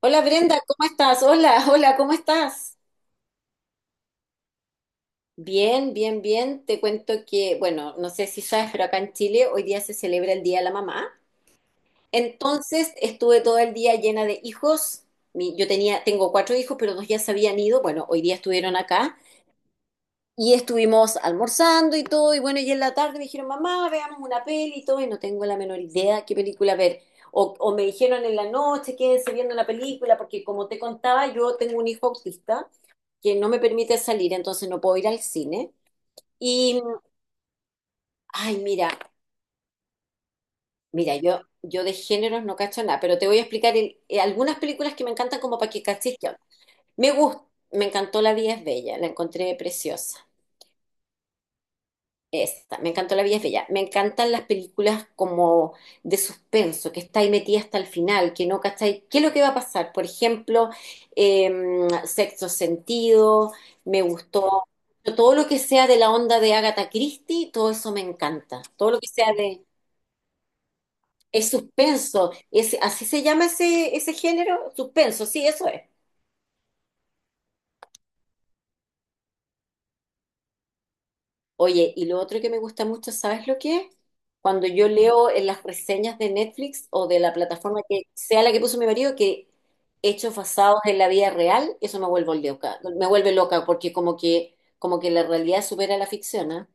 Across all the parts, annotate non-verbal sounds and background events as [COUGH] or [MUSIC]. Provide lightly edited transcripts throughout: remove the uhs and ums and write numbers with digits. Hola Brenda, ¿cómo estás? Hola, [LAUGHS] hola, ¿cómo estás? Bien, bien, bien. Te cuento que, bueno, no sé si sabes, pero acá en Chile hoy día se celebra el Día de la Mamá. Entonces estuve todo el día llena de hijos. Yo tenía, tengo cuatro hijos, pero dos ya se habían ido. Bueno, hoy día estuvieron acá y estuvimos almorzando y todo. Y bueno, y en la tarde me dijeron, mamá, veamos una peli y todo. Y no tengo la menor idea qué película ver. O me dijeron en la noche, quédense viendo la película, porque como te contaba, yo tengo un hijo autista que no me permite salir, entonces no puedo ir al cine. Y, ay, mira, mira, yo de géneros no cacho nada, pero te voy a explicar algunas películas que me encantan como para que cachis qué onda. Me gusta, me encantó La vida es bella, la encontré preciosa. Esta, me encantó La vida es bella. Me encantan las películas como de suspenso, que está ahí metida hasta el final, que no cachai qué es lo que va a pasar. Por ejemplo, eh, Sexto Sentido, me gustó. Todo lo que sea de la onda de Agatha Christie, todo eso me encanta. Todo lo que sea de... Es suspenso. Es, ¿así se llama ese género? Suspenso, sí, eso es. Oye, y lo otro que me gusta mucho, ¿sabes lo que es? Cuando yo leo en las reseñas de Netflix o de la plataforma que sea la que puso mi marido, que hechos basados en la vida real, eso me vuelve loca porque como que la realidad supera la ficción, ¿ah?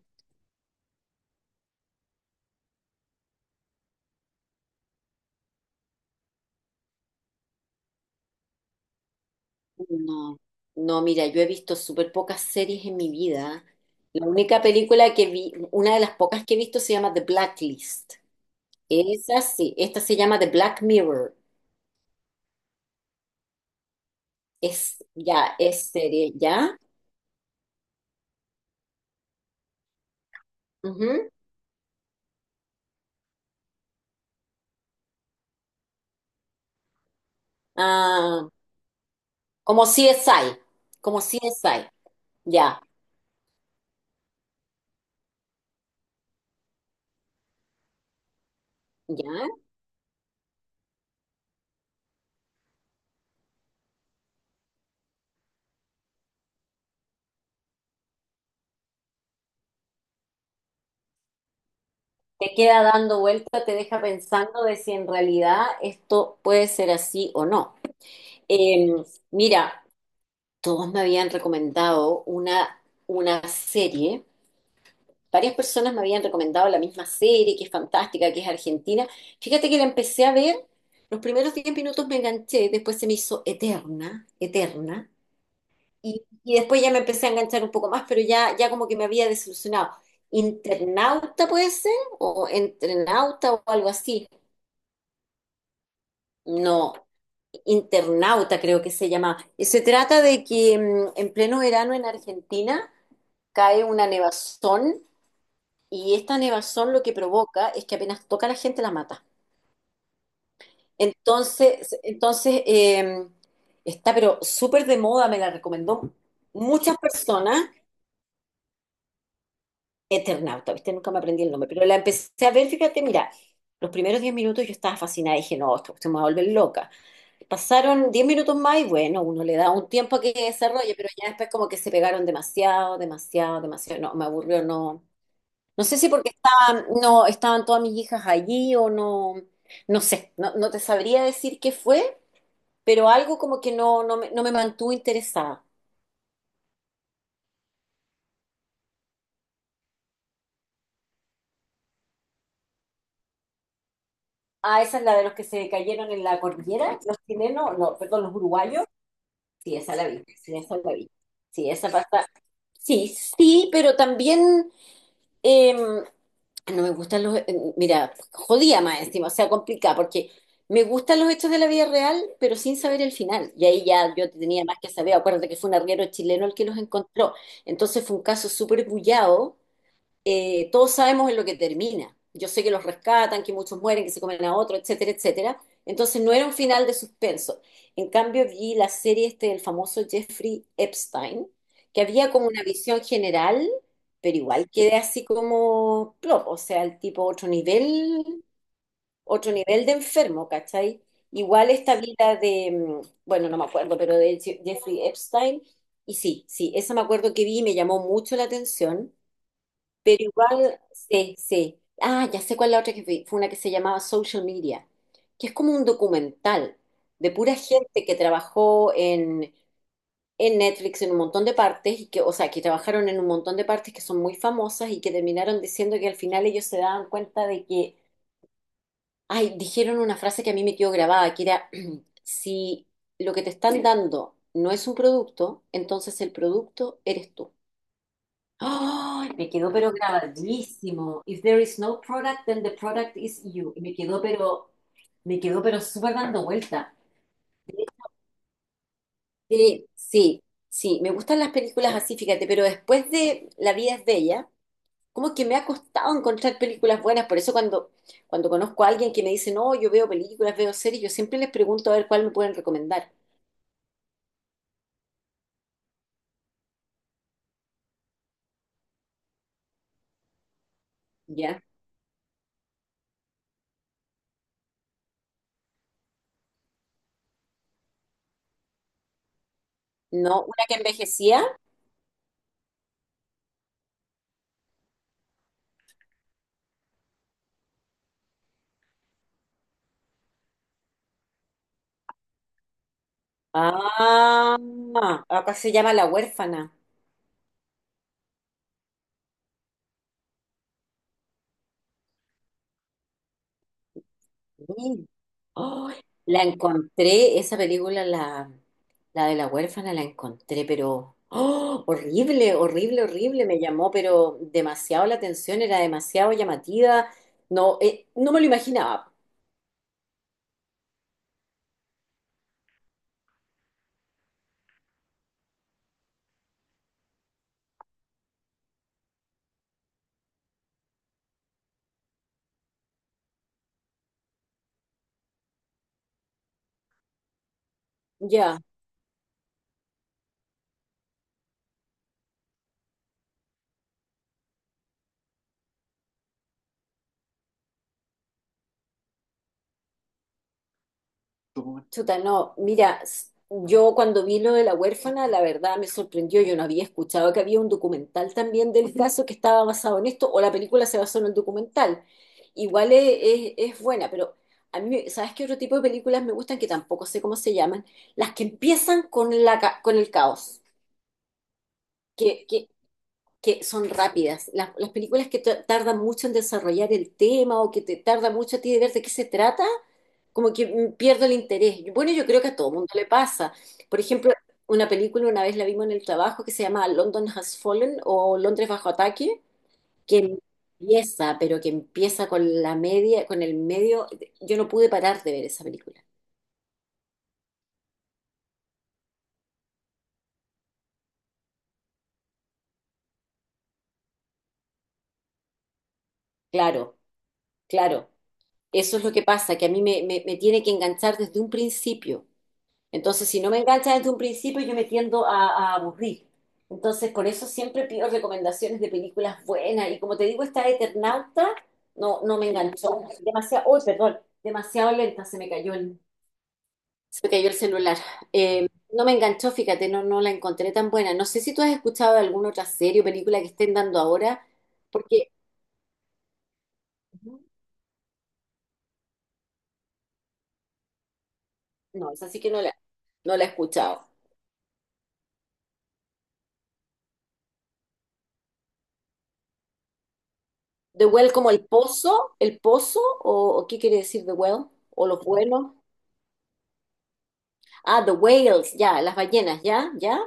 No, no, mira, yo he visto súper pocas series en mi vida. La única película que vi, una de las pocas que he visto se llama The Blacklist. Esa sí, esta se llama The Black Mirror. Es, ya, es serie, ¿ya? Ujú. Ah, como CSI, como CSI, ya, ya. Te queda dando vuelta, te deja pensando de si en realidad esto puede ser así o no. Eh, Mira, todos me habían recomendado una serie, varias personas me habían recomendado la misma serie, que es fantástica, que es argentina. Fíjate que la empecé a ver, los primeros 10 minutos me enganché, después se me hizo eterna, eterna. Y después ya me empecé a enganchar un poco más, pero ya, ya como que me había desilusionado. ¿Internauta puede ser? ¿O entrenauta o algo así? No, internauta creo que se llama. Y se trata de que en pleno verano en Argentina cae una nevazón y esta nevazón lo que provoca es que apenas toca a la gente la mata. Entonces, está pero súper de moda, me la recomendó muchas personas. Eternauta, ¿viste? Nunca me aprendí el nombre, pero la empecé a ver, fíjate, mira, los primeros 10 minutos yo estaba fascinada, dije, no, esto se me va a volver loca. Pasaron 10 minutos más y bueno, uno le da un tiempo a que desarrolle, pero ya después como que se pegaron demasiado, demasiado, demasiado, no, me aburrió, no. No sé si porque estaban, no, estaban todas mis hijas allí o no, no sé, no, no te sabría decir qué fue, pero algo como que no, no me mantuvo interesada. Ah, esa es la de los que se cayeron en la cordillera, los chilenos, no, perdón, los uruguayos. Sí, esa la vi, sí, esa la vi. Sí, esa pasa. Sí, sí, pero también no me gustan los, mira, jodía más encima, o sea, complicada, porque me gustan los hechos de la vida real, pero sin saber el final. Y ahí ya yo tenía más que saber. Acuérdate que fue un arriero chileno el que los encontró. Entonces fue un caso súper bullado, todos sabemos en lo que termina. Yo sé que los rescatan, que muchos mueren, que se comen a otro, etcétera, etcétera. Entonces no era un final de suspenso. En cambio, vi la serie este del famoso Jeffrey Epstein, que había como una visión general, pero igual quedé así como plop, o sea, el tipo otro nivel de enfermo, ¿cachai? Igual esta vida de, bueno, no me acuerdo, pero de Jeffrey Epstein, y sí, sí, esa me acuerdo que vi y me llamó mucho la atención. Pero igual, sí, sí. Ah, ya sé cuál es la otra que vi. Fue una que se llamaba Social Media, que es como un documental de pura gente que trabajó en Netflix en un montón de partes, y que, o sea, que trabajaron en un montón de partes que son muy famosas y que terminaron diciendo que al final ellos se daban cuenta de que, ay, dijeron una frase que a mí me quedó grabada, que era, [CLEARS THROAT] si lo que te están dando no es un producto, entonces el producto eres tú. ¡Ay! Me quedó pero grabadísimo. If there is no product, then the product is you. Y me quedó pero súper dando vuelta. Sí, sí, sí, me gustan las películas así, fíjate, pero después de La vida es bella, como que me ha costado encontrar películas buenas, por eso cuando conozco a alguien que me dice, no, yo veo películas, veo series, yo siempre les pregunto a ver cuál me pueden recomendar. ¿Ya? No, una que envejecía. Ah, acá se llama La huérfana. Sí. Oh, la encontré, esa película, la de la huérfana, la encontré, pero oh, horrible, horrible, horrible, me llamó, pero demasiado la atención, era demasiado llamativa, no, no me lo imaginaba, ya. Chuta, no, mira, yo cuando vi lo de la huérfana, la verdad me sorprendió, yo no había escuchado que había un documental también del caso que estaba basado en esto, o la película se basó en el documental. Igual es, es buena, pero a mí, ¿sabes qué otro tipo de películas me gustan que tampoco sé cómo se llaman? Las que empiezan con con el caos, que, que, que son rápidas, las películas que tardan mucho en desarrollar el tema o que te tarda mucho a ti de ver de qué se trata, como que pierdo el interés. Bueno, yo creo que a todo mundo le pasa. Por ejemplo, una película una vez la vimos en el trabajo que se llama London Has Fallen o Londres bajo ataque, que empieza, pero que empieza con la media, con el medio. Yo no pude parar de ver esa película. Claro, claro. Eso es lo que pasa, que a mí me, me tiene que enganchar desde un principio. Entonces, si no me engancha desde un principio, yo me tiendo a aburrir. Entonces, por eso siempre pido recomendaciones de películas buenas. Y como te digo, esta de Eternauta no, no me enganchó. Demasiado, uy, perdón, demasiado lenta, se me cayó el celular. No me enganchó, fíjate, no, no la encontré tan buena. No sé si tú has escuchado de alguna otra serie o película que estén dando ahora, porque no, es así que no la he escuchado. The Well como el pozo, o qué quiere decir The Well, o los buenos. Ah, The Whales, ya, las ballenas, ya, ya.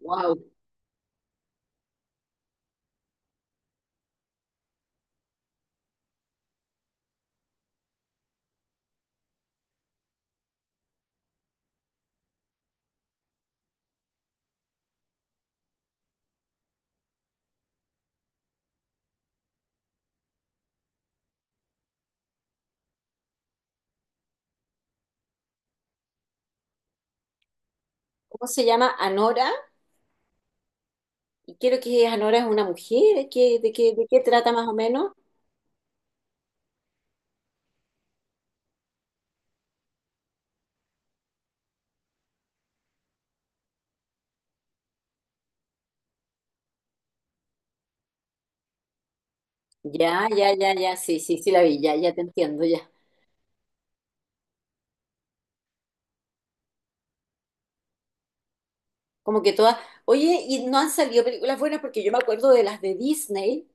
Wow. ¿Cómo se llama? Anora. Y quiero que Anora es una mujer. ¿De qué trata más o menos? Ya, ya, ya, ya. Sí, sí, sí, la vi, ya, ya te entiendo, ya. Como que todas. Oye, y no han salido películas buenas porque yo me acuerdo de las de Disney,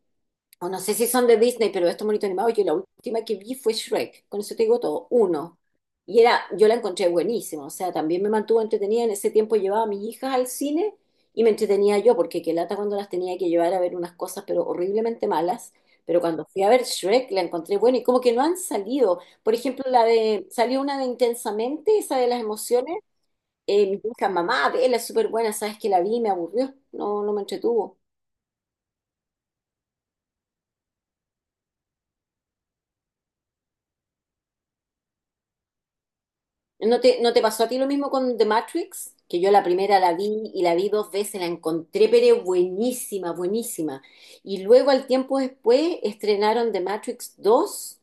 o no sé si son de Disney, pero estos monitos animados, yo la última que vi fue Shrek, con eso te digo todo, uno. Y era, yo la encontré buenísima, o sea, también me mantuvo entretenida, en ese tiempo llevaba a mis hijas al cine y me entretenía yo, porque qué lata cuando las tenía que llevar a ver unas cosas, pero horriblemente malas, pero cuando fui a ver Shrek la encontré buena y como que no han salido, por ejemplo, la de, salió una de Intensamente, esa de las emociones, mi hija, mamá, vela, es súper buena, sabes que la vi, y me aburrió, no, no me entretuvo. ¿No te pasó a ti lo mismo con The Matrix? Que yo la primera la vi y la vi dos veces, la encontré, pero buenísima, buenísima. Y luego al tiempo después estrenaron The Matrix dos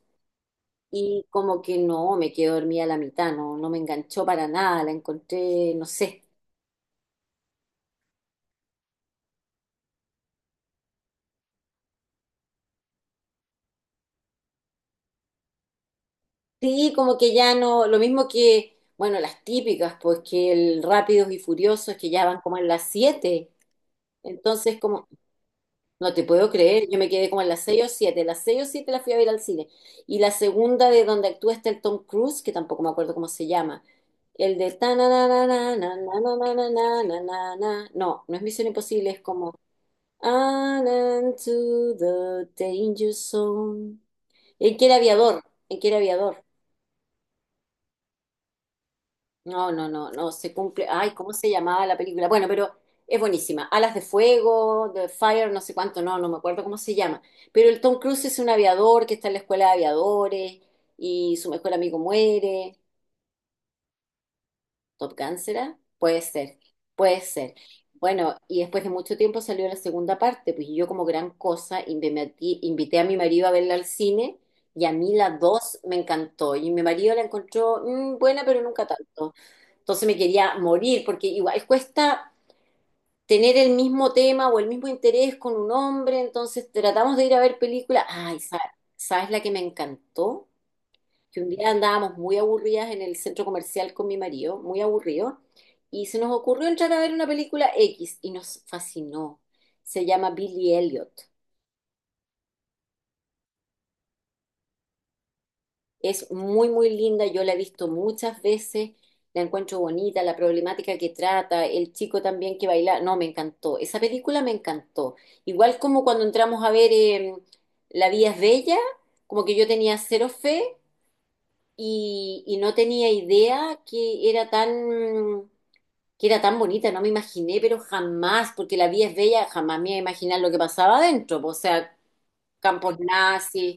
y como que no, me quedé dormida a la mitad, no, no me enganchó para nada, la encontré, no sé. Sí, como que ya no, lo mismo que, bueno, las típicas, pues que el Rápidos y Furiosos que ya van como en las siete. Entonces, como, no te puedo creer, yo me quedé como en las 6 o 7. Las 6 o 7 la fui a ver al cine. Y la segunda de donde actúa está el Tom Cruise, que tampoco me acuerdo cómo se llama. El de ta na na na na na na na na na na na na na. No, no es Misión Imposible, es como "And into the danger zone". En que era aviador, ¿el que era aviador? No, no, no, no, se cumple. Ay, ¿cómo se llamaba la película? Bueno, pero es buenísima. Alas de Fuego, The Fire, no sé cuánto, no, no me acuerdo cómo se llama. Pero el Tom Cruise es un aviador que está en la escuela de aviadores y su mejor amigo muere. ¿Top Gun será? Puede ser, puede ser. Bueno, y después de mucho tiempo salió la segunda parte, pues y yo como gran cosa invité a mi marido a verla al cine y a mí la dos me encantó y mi marido la encontró buena, pero nunca tanto. Entonces me quería morir, porque igual cuesta tener el mismo tema o el mismo interés con un hombre, entonces tratamos de ir a ver películas. Ay, ¿sabes, la que me encantó? Que un día andábamos muy aburridas en el centro comercial con mi marido, muy aburrido, y se nos ocurrió entrar a ver una película X y nos fascinó. Se llama Billy Elliot. Es muy, muy linda, yo la he visto muchas veces, la encuentro bonita, la problemática que trata, el chico también que baila, no, me encantó, esa película me encantó. Igual como cuando entramos a ver La vida es bella, como que yo tenía cero fe y, no tenía idea que era tan, bonita, no me imaginé, pero jamás, porque La vida es bella, jamás me iba a imaginar lo que pasaba adentro, po, o sea, Campos Nazis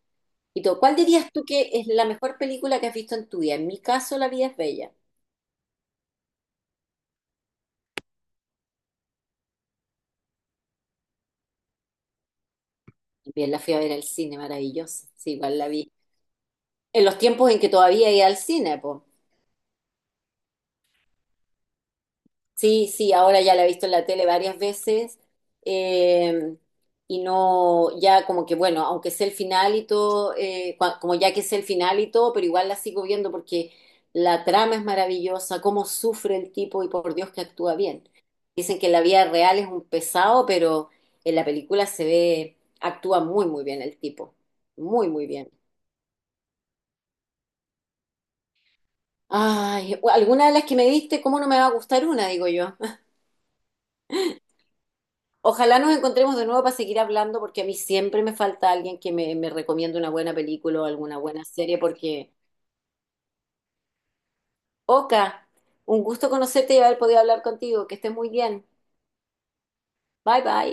y todo. ¿Cuál dirías tú que es la mejor película que has visto en tu vida? En mi caso, La vida es bella. Bien, la fui a ver al cine, maravillosa. Sí, igual la vi. En los tiempos en que todavía iba al cine, pues. Sí, sí, ahora ya la he visto en la tele varias veces, eh, y no, ya como que bueno, aunque sé el final y todo, como ya que sé el final y todo, pero igual la sigo viendo porque la trama es maravillosa, cómo sufre el tipo y por Dios que actúa bien. Dicen que en la vida real es un pesado, pero en la película se ve, actúa muy, muy bien el tipo, muy, muy bien. Ay, alguna de las que me diste, ¿cómo no me va a gustar una, digo yo? Ojalá nos encontremos de nuevo para seguir hablando, porque a mí siempre me falta alguien que me, recomiende una buena película o alguna buena serie, porque... Oka, un gusto conocerte y haber podido hablar contigo. Que estés muy bien. Bye bye.